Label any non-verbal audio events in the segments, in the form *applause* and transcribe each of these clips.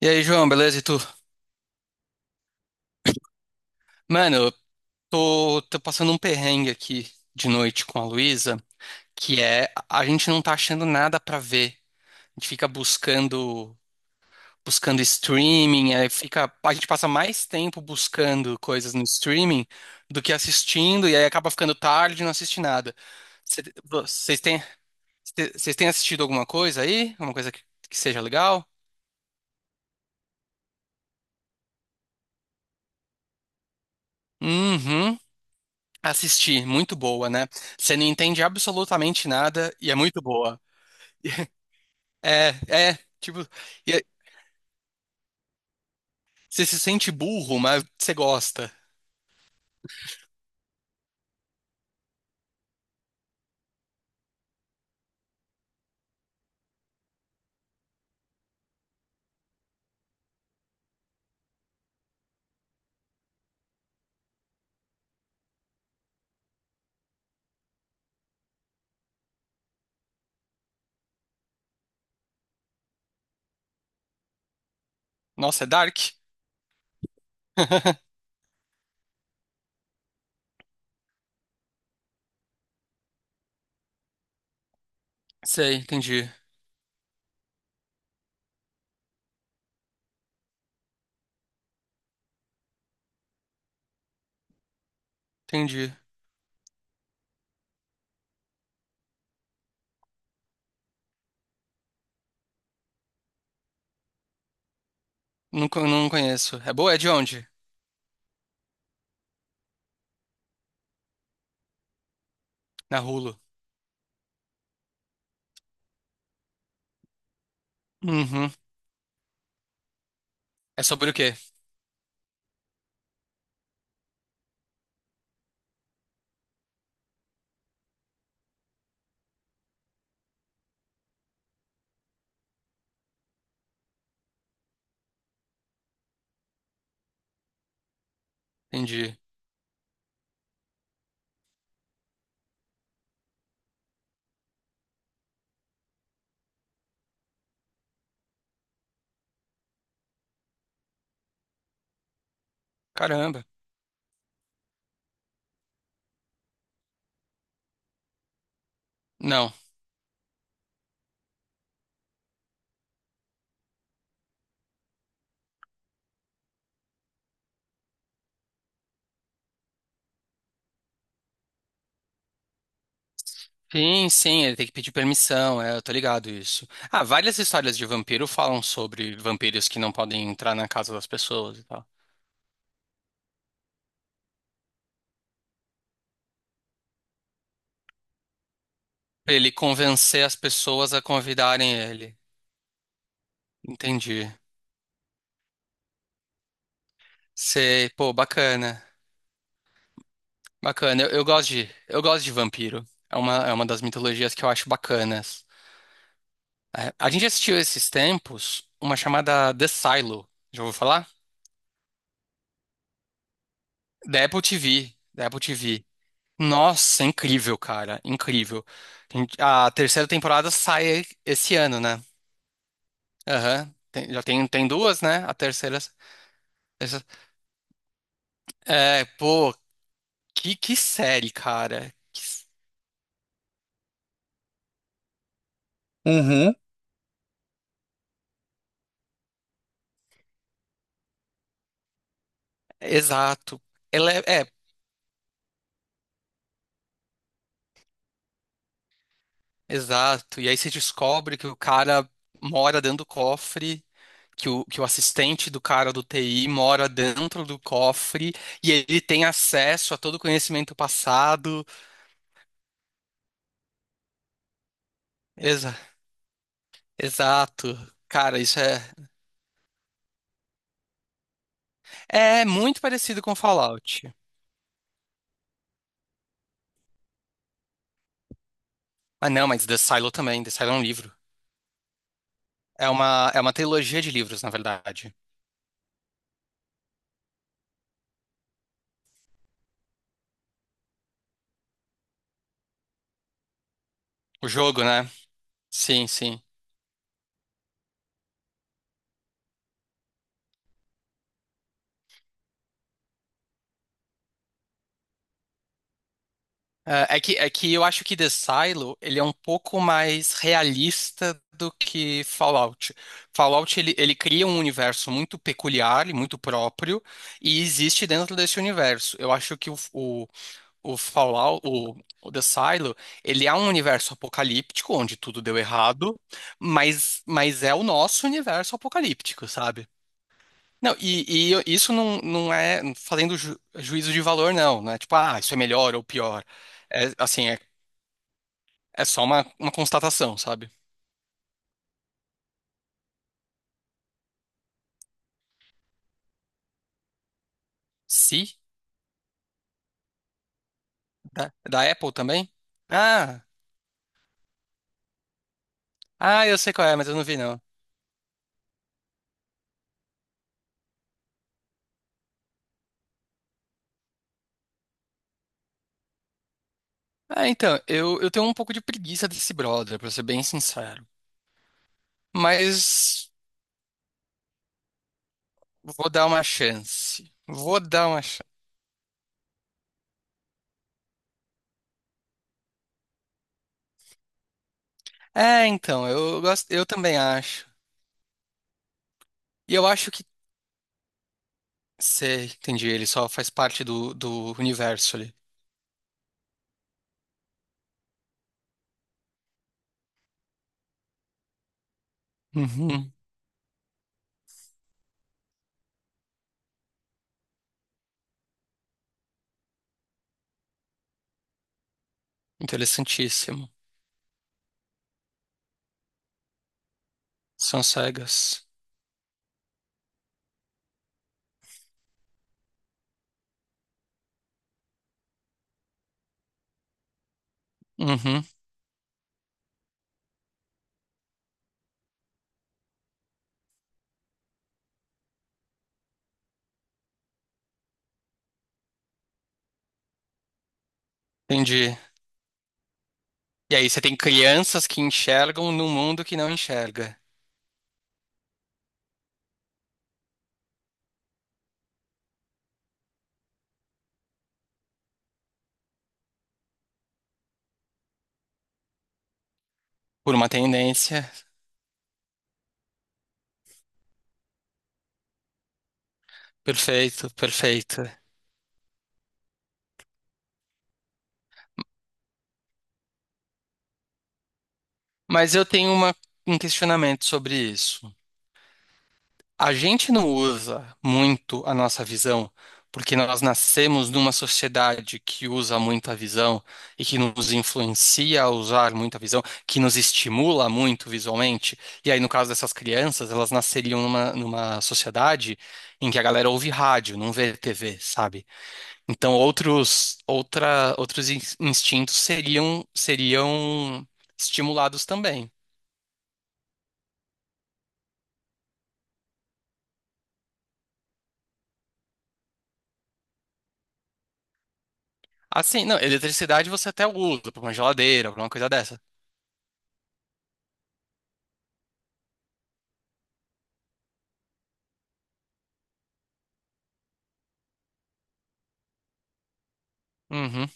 E aí, João, beleza? E tu? Mano, eu tô passando um perrengue aqui de noite com a Luísa, que é a gente não tá achando nada pra ver. A gente fica buscando, buscando streaming, aí fica, a gente passa mais tempo buscando coisas no streaming do que assistindo, e aí acaba ficando tarde e não assiste nada. Cê- Vocês têm assistido alguma coisa aí? Alguma coisa que seja legal? Uhum. Assisti, muito boa, né? Você não entende absolutamente nada e é muito boa. É, é, tipo, e é- Você se sente burro, mas você gosta. Nossa, é Dark? *laughs* Sei, entendi, entendi. Não, co- não conheço. É boa? É de onde? Na Hulu. Uhum. É sobre o quê? Entendi. Caramba. Não. Sim, sim, ele tem que pedir permissão, é, eu tô ligado isso. Ah, várias histórias de vampiro falam sobre vampiros que não podem entrar na casa das pessoas e tal. Pra ele convencer as pessoas a convidarem ele. Entendi. Sei, pô, bacana. Bacana, eu gosto de, eu gosto de vampiro. É uma das mitologias que eu acho bacanas. É, a gente assistiu esses tempos uma chamada The Silo, já ouviu falar? Da Apple TV, da Apple TV. Nossa, incrível, cara, incrível. A gente- a terceira temporada sai esse ano, né? Aham, Tem- já tem, tem duas, né? A terceira, essa- É, pô, que série, cara. Que- s- Uhum. Exato. Ela é, é, exato. E aí você descobre que o cara mora dentro do cofre, que que o assistente do cara do TI mora dentro do cofre e ele tem acesso a todo o conhecimento passado. Exa- exato. Cara, isso é, é muito parecido com Fallout. Ah, não, mas The Silo também. The Silo é um livro. É uma trilogia de livros, na verdade. O jogo, né? Sim, sim. É que eu acho que The Silo, ele é um pouco mais realista do que Fallout. Fallout, ele cria um universo muito peculiar e muito próprio, e existe dentro desse universo. Eu acho que o Fallout, o The Silo, ele é um universo apocalíptico, onde tudo deu errado, mas é o nosso universo apocalíptico, sabe? Não, e isso não é fazendo ju- juízo de valor, não, né? Tipo, ah, isso é melhor ou pior. É, assim, é só uma constatação, sabe? Se? Da, da Apple também? Ah, ah, eu sei qual é, mas eu não vi não. Ah, então, eu tenho um pouco de preguiça desse brother, pra ser bem sincero. Mas vou dar uma chance. Vou dar uma chance. É, então, eu gosto, eu também acho. E eu acho que, sei, entendi, ele só faz parte do universo ali. Uhum, interessantíssimo. São cegas. Uhum, entendi. E aí você tem crianças que enxergam num mundo que não enxerga. Por uma tendência. Perfeito, perfeito. Mas eu tenho uma- um questionamento sobre isso. A gente não usa muito a nossa visão porque nós nascemos numa sociedade que usa muito a visão e que nos influencia a usar muito a visão, que nos estimula muito visualmente. E aí, no caso dessas crianças, elas nasceriam numa, numa sociedade em que a galera ouve rádio, não vê TV, sabe? Então, outros, outra, outros in- instintos seriam, seriam estimulados também. Assim, não, eletricidade você até usa para uma geladeira, alguma coisa dessa. Uhum.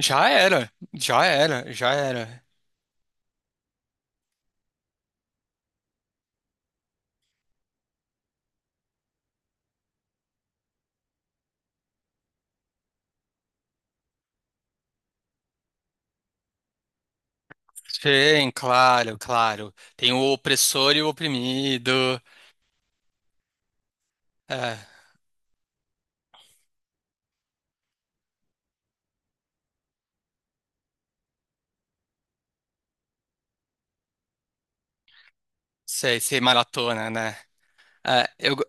Já era, já era, já era. Sim, claro, claro. Tem o opressor e o oprimido. É, sei, sei, maratona, né? É, eu, go-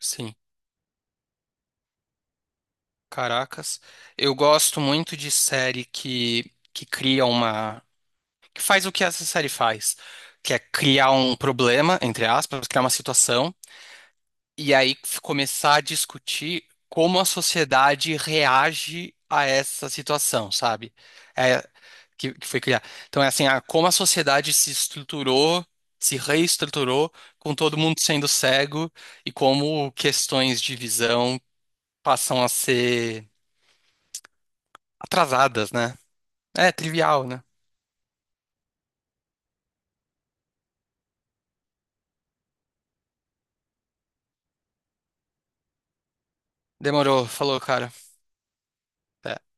sim, caracas. Eu gosto muito de série que cria uma que faz o que essa série faz, que é criar um problema, entre aspas, criar uma situação, e aí f- começar a discutir como a sociedade reage a essa situação, sabe? É, que foi criar. Então é assim, a- como a sociedade se estruturou, se reestruturou, com todo mundo sendo cego, e como questões de visão passam a ser atrasadas, né? É trivial, né? Demorou, falou, cara. Até.